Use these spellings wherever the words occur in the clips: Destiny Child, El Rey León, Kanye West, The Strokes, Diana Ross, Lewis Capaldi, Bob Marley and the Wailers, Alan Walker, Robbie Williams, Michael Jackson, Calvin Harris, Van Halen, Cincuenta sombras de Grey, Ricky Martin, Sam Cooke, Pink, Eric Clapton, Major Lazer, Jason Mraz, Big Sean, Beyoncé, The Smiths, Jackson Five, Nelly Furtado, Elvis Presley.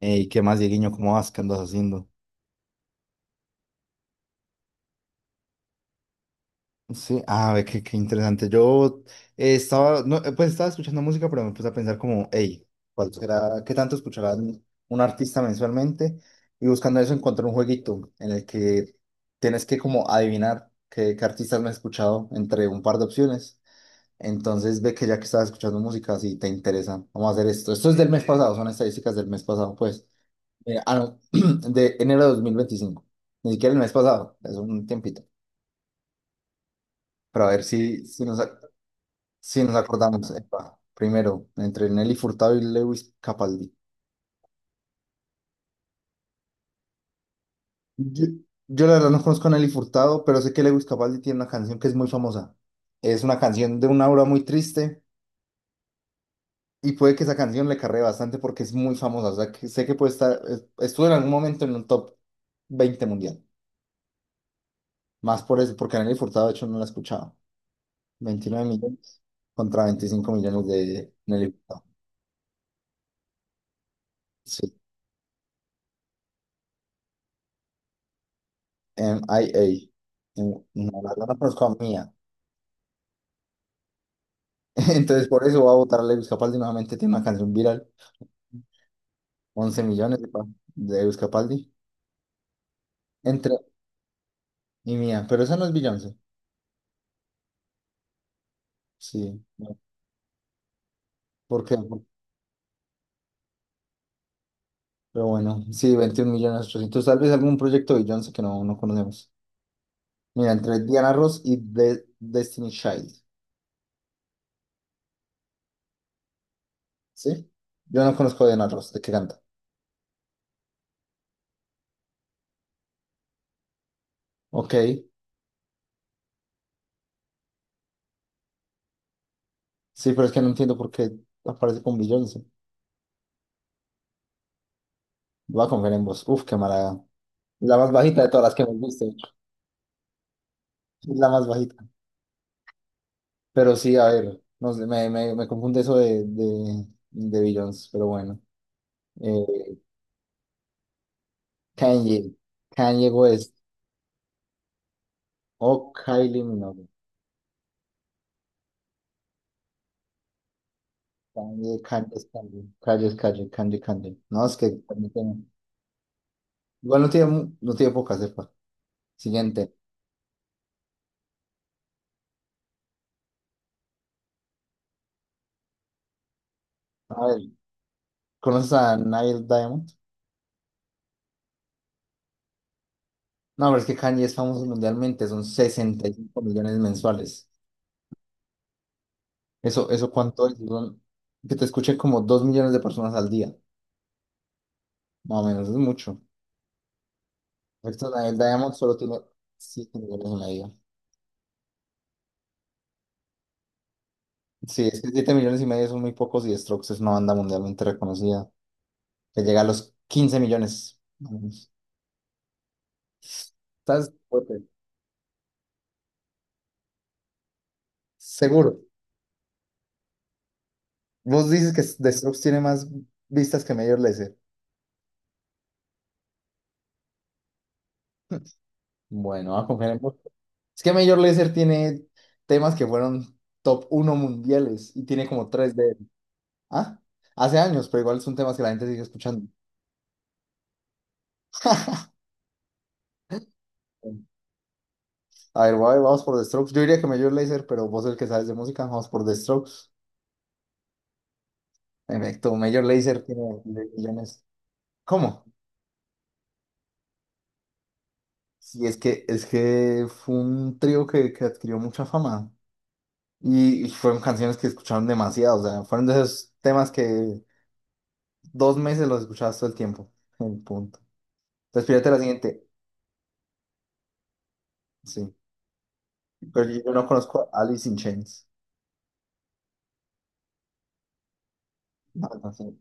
Ey, ¿qué más, Dieguiño? ¿Cómo vas? ¿Qué andas haciendo? Sí, ah, ve qué interesante. Yo estaba, no, pues estaba escuchando música, pero me puse a pensar como, hey, ¿cuál será, qué tanto escuchará un artista mensualmente? Y buscando eso encontré un jueguito en el que tienes que como adivinar qué artistas me he escuchado entre un par de opciones. Entonces ve que ya que estás escuchando música, si te interesa, vamos a hacer esto. Esto es del mes pasado, son estadísticas del mes pasado, pues. Mira, ah, no, de enero de 2025. Ni siquiera el mes pasado, es un tiempito. Pero a ver si nos acordamos. Epa, primero, entre Nelly Furtado y Lewis Capaldi. Yo, yo la verdad no conozco a Nelly Furtado, pero sé que Lewis Capaldi tiene una canción que es muy famosa. Es una canción de una aura muy triste y puede que esa canción le cargue bastante porque es muy famosa. O sea, que sé que puede estuvo en algún momento en un top 20 mundial. Más por eso, porque a Nelly Furtado de hecho no la escuchaba. 29 millones contra 25 millones de Nelly Furtado. Sí, MIA. No, la verdad no conozco a Mía. Entonces, por eso va a votar a Lewis Capaldi nuevamente. Tiene una canción viral. 11 millones de, de Lewis Capaldi. Entre y Mía. Pero esa no es Beyoncé. Sí. No, ¿por qué? Pero bueno, sí, 21 millones 800. Tal vez algún proyecto de Beyoncé que no conocemos. Mira, entre Diana Ross y Destiny Child. ¿Sí? Yo no conozco a Diana Ross. ¿De qué canta? Ok. Sí, pero es que no entiendo por qué aparece con Beyoncé. Voy a confiar en vos. Uf, qué mala. La más bajita de todas las que hemos visto. Es la más bajita. Pero sí, a ver, no sé, me confunde eso de Beyoncé, pero bueno. Eh, Kanye. Kanye West. O Kylie Minogue. Kanye, Kanye, es Kanye. Kanye, es Kanye, Kanye, Kanye. No, es que no tiene- igual no tiene poca cepa. Siguiente. A ver, ¿conoces a Nile Diamond? No, pero es que Kanye es famoso mundialmente, son 65 millones mensuales. ¿Eso cuánto es? Que te escuchen como 2 millones de personas al día, más o menos, es mucho. Esto, el Diamond solo tiene 7 millones y medio. Sí, es que 7 millones y medio son muy pocos y Strokes es una banda mundialmente reconocida, que llega a los 15 millones. Más ¿Estás fuerte? Seguro. Vos dices que The Strokes tiene más vistas que Major Lazer. Bueno, a confiar en vos. Es que Major Lazer tiene temas que fueron top uno mundiales y tiene como 3 de él. Ah, hace años, pero igual son temas que la gente sigue escuchando. A ver, voy- vamos por The Strokes. Yo diría que Major Lazer, pero vos el que sabes de música, vamos por The Strokes. En efecto, Major Lazer tiene millones. ¿Cómo? Sí, es que fue un trío que adquirió mucha fama y fueron canciones que escucharon demasiado. O sea, fueron de esos temas que dos meses los escuchabas todo el tiempo. El punto. Entonces, fíjate la siguiente. Sí. Pero yo no conozco a Alice in Chains. No, no sé.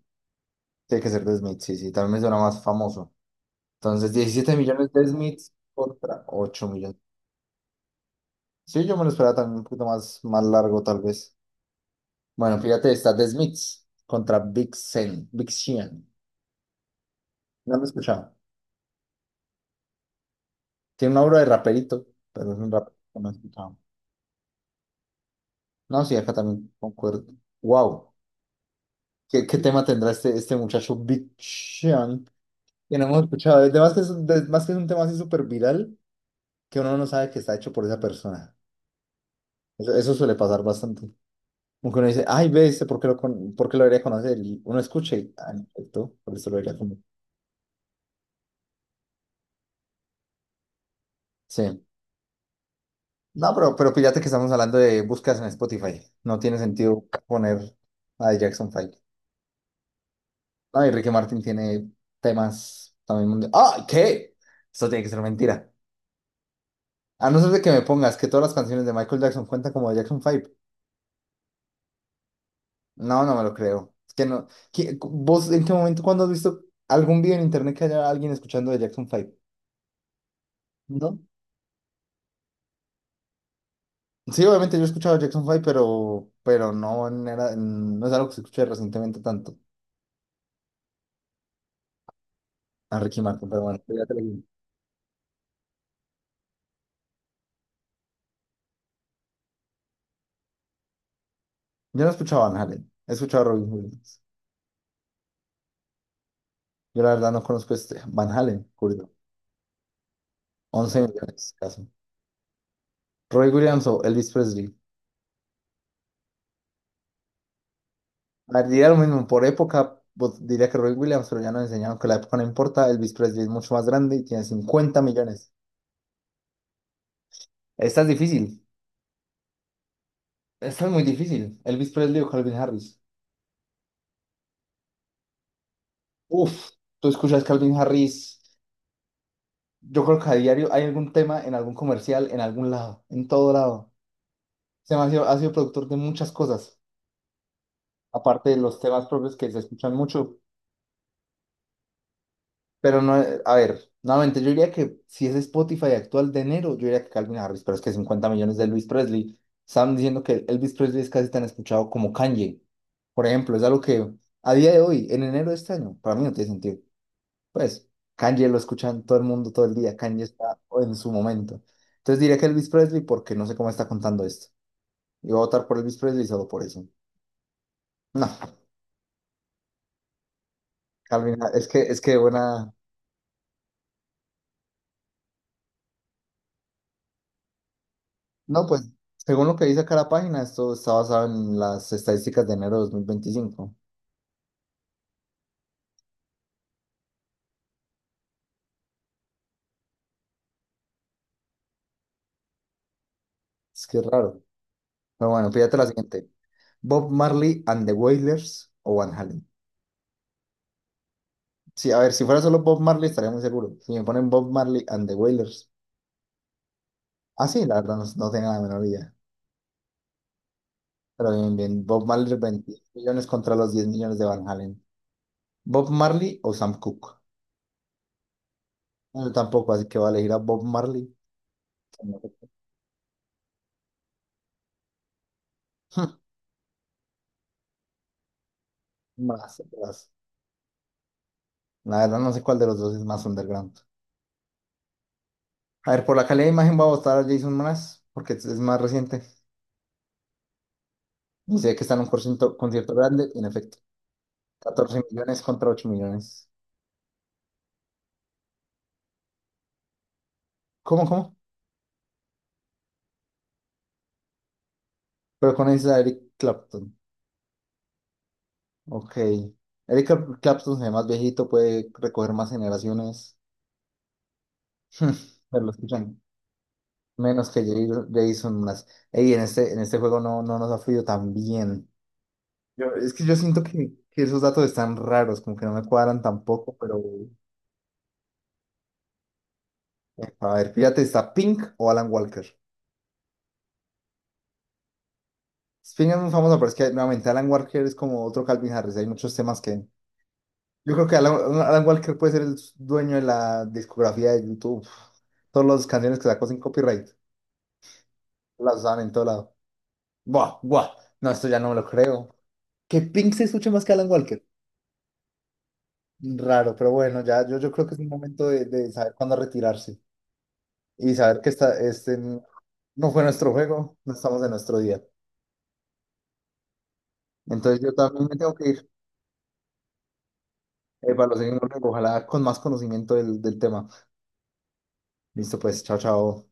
Tiene que ser The Smiths, sí, sí, también me suena más famoso. Entonces, 17 millones de Smiths contra 8 millones. Sí, yo me lo esperaba también un poquito más, más largo, tal vez. Bueno, fíjate, está The Smiths contra Big Sean. Big Sean. No lo he escuchado. Tiene una obra de raperito, pero es un rapero que no he escuchado. No, sí, acá también concuerdo. Wow. ¿Qué tema tendrá este muchacho Big Sean? Que no hemos escuchado. Además que es un tema así súper viral. Que uno no sabe que está hecho por esa persona. Eso suele pasar bastante. Como que uno dice, ay, ve, este, ¿por qué por qué lo debería conocer? Y uno escucha y, ah, no, esto, por eso lo debería conocer. Sí. No, pero fíjate que estamos hablando de búsquedas en Spotify. No tiene sentido poner a Jackson Five. No, y Ricky Martin tiene temas también mundiales. ¡Ah, qué! Eso tiene que ser mentira. A no ser de que me pongas que todas las canciones de Michael Jackson cuentan como de Jackson Five. No, no me lo creo. Es que no. ¿Vos en qué momento, cuando has visto algún video en internet que haya alguien escuchando de Jackson Five? ¿No? Sí, obviamente yo he escuchado Jackson Five, pero no, no es algo que se escuche recientemente tanto a Ricky Martin, pero bueno, ya te lo digo. Yo no he escuchado a Van Halen, he escuchado a Robbie Williams. Yo la verdad no conozco este Van Halen, curioso. 11 millones, caso. Roy Williams o Elvis Presley. A ver, diría lo mismo, por época diría que Roy Williams, pero ya nos enseñaron que la época no importa. Elvis Presley es mucho más grande y tiene 50 millones. Esta es difícil. Esta es muy difícil. Elvis Presley o Calvin Harris. Uf, tú escuchas Calvin Harris. Yo creo que a diario hay algún tema en algún comercial, en algún lado, en todo lado. Se me ha sido productor de muchas cosas, aparte de los temas propios que se escuchan mucho. Pero no, a ver, nuevamente, yo diría que si es Spotify actual de enero, yo diría que Calvin Harris, pero es que 50 millones de Elvis Presley. Estaban diciendo que Elvis Presley es casi tan escuchado como Kanye, por ejemplo, es algo que a día de hoy, en enero de este año, para mí no tiene sentido. Pues Kanye lo escuchan todo el mundo todo el día. Kanye está en su momento. Entonces diría que Elvis Presley porque no sé cómo está contando esto. Y voy a votar por Elvis Presley solo por eso. No, Calvin, es que buena. No, pues según lo que dice acá la página, esto está basado en las estadísticas de enero de 2025. Es que es raro. Pero bueno, fíjate la siguiente. Bob Marley and the Wailers o Van Halen. Sí, a ver, si fuera solo Bob Marley estaría muy seguro. Si me ponen Bob Marley and the Wailers. Ah, sí, la verdad no tengo la menor idea. Pero bien, bien. Bob Marley, 20 millones contra los 10 millones de Van Halen. ¿Bob Marley o Sam Cooke? No, yo tampoco, así que voy a elegir a Bob Marley. Más, más. La verdad no sé cuál de los dos es más underground. A ver, por la calidad de imagen voy a votar a Jason Mraz, porque es más reciente. Y sé que está en un concierto, concierto grande, en efecto. 14 millones contra 8 millones. ¿Cómo, cómo? Pero con esa Eric Clapton. Ok. Eric Clapton se ve más viejito, puede recoger más generaciones. Pero lo escuchan. Menos que Jason más. Ey, en este juego no nos ha fluido tan bien. Es que yo siento que esos datos están raros, como que no me cuadran tampoco, pero a ver, fíjate, ¿está Pink o Alan Walker? Pink es muy famoso, pero es que nuevamente Alan Walker es como otro Calvin Harris, hay muchos temas que... Yo creo que Alan Walker puede ser el dueño de la discografía de YouTube. Todas las canciones que sacó sin copyright, las usaban en todo lado. Buah, buah, no, esto ya no me lo creo. ¿Que Pink se escuche más que Alan Walker? Raro, pero bueno, ya yo creo que es un momento de, saber cuándo retirarse y saber que este no fue nuestro juego, no estamos en nuestro día. Entonces yo también me tengo que ir para lo seguimos luego, ojalá con más conocimiento del tema. Listo, pues, chao, chao.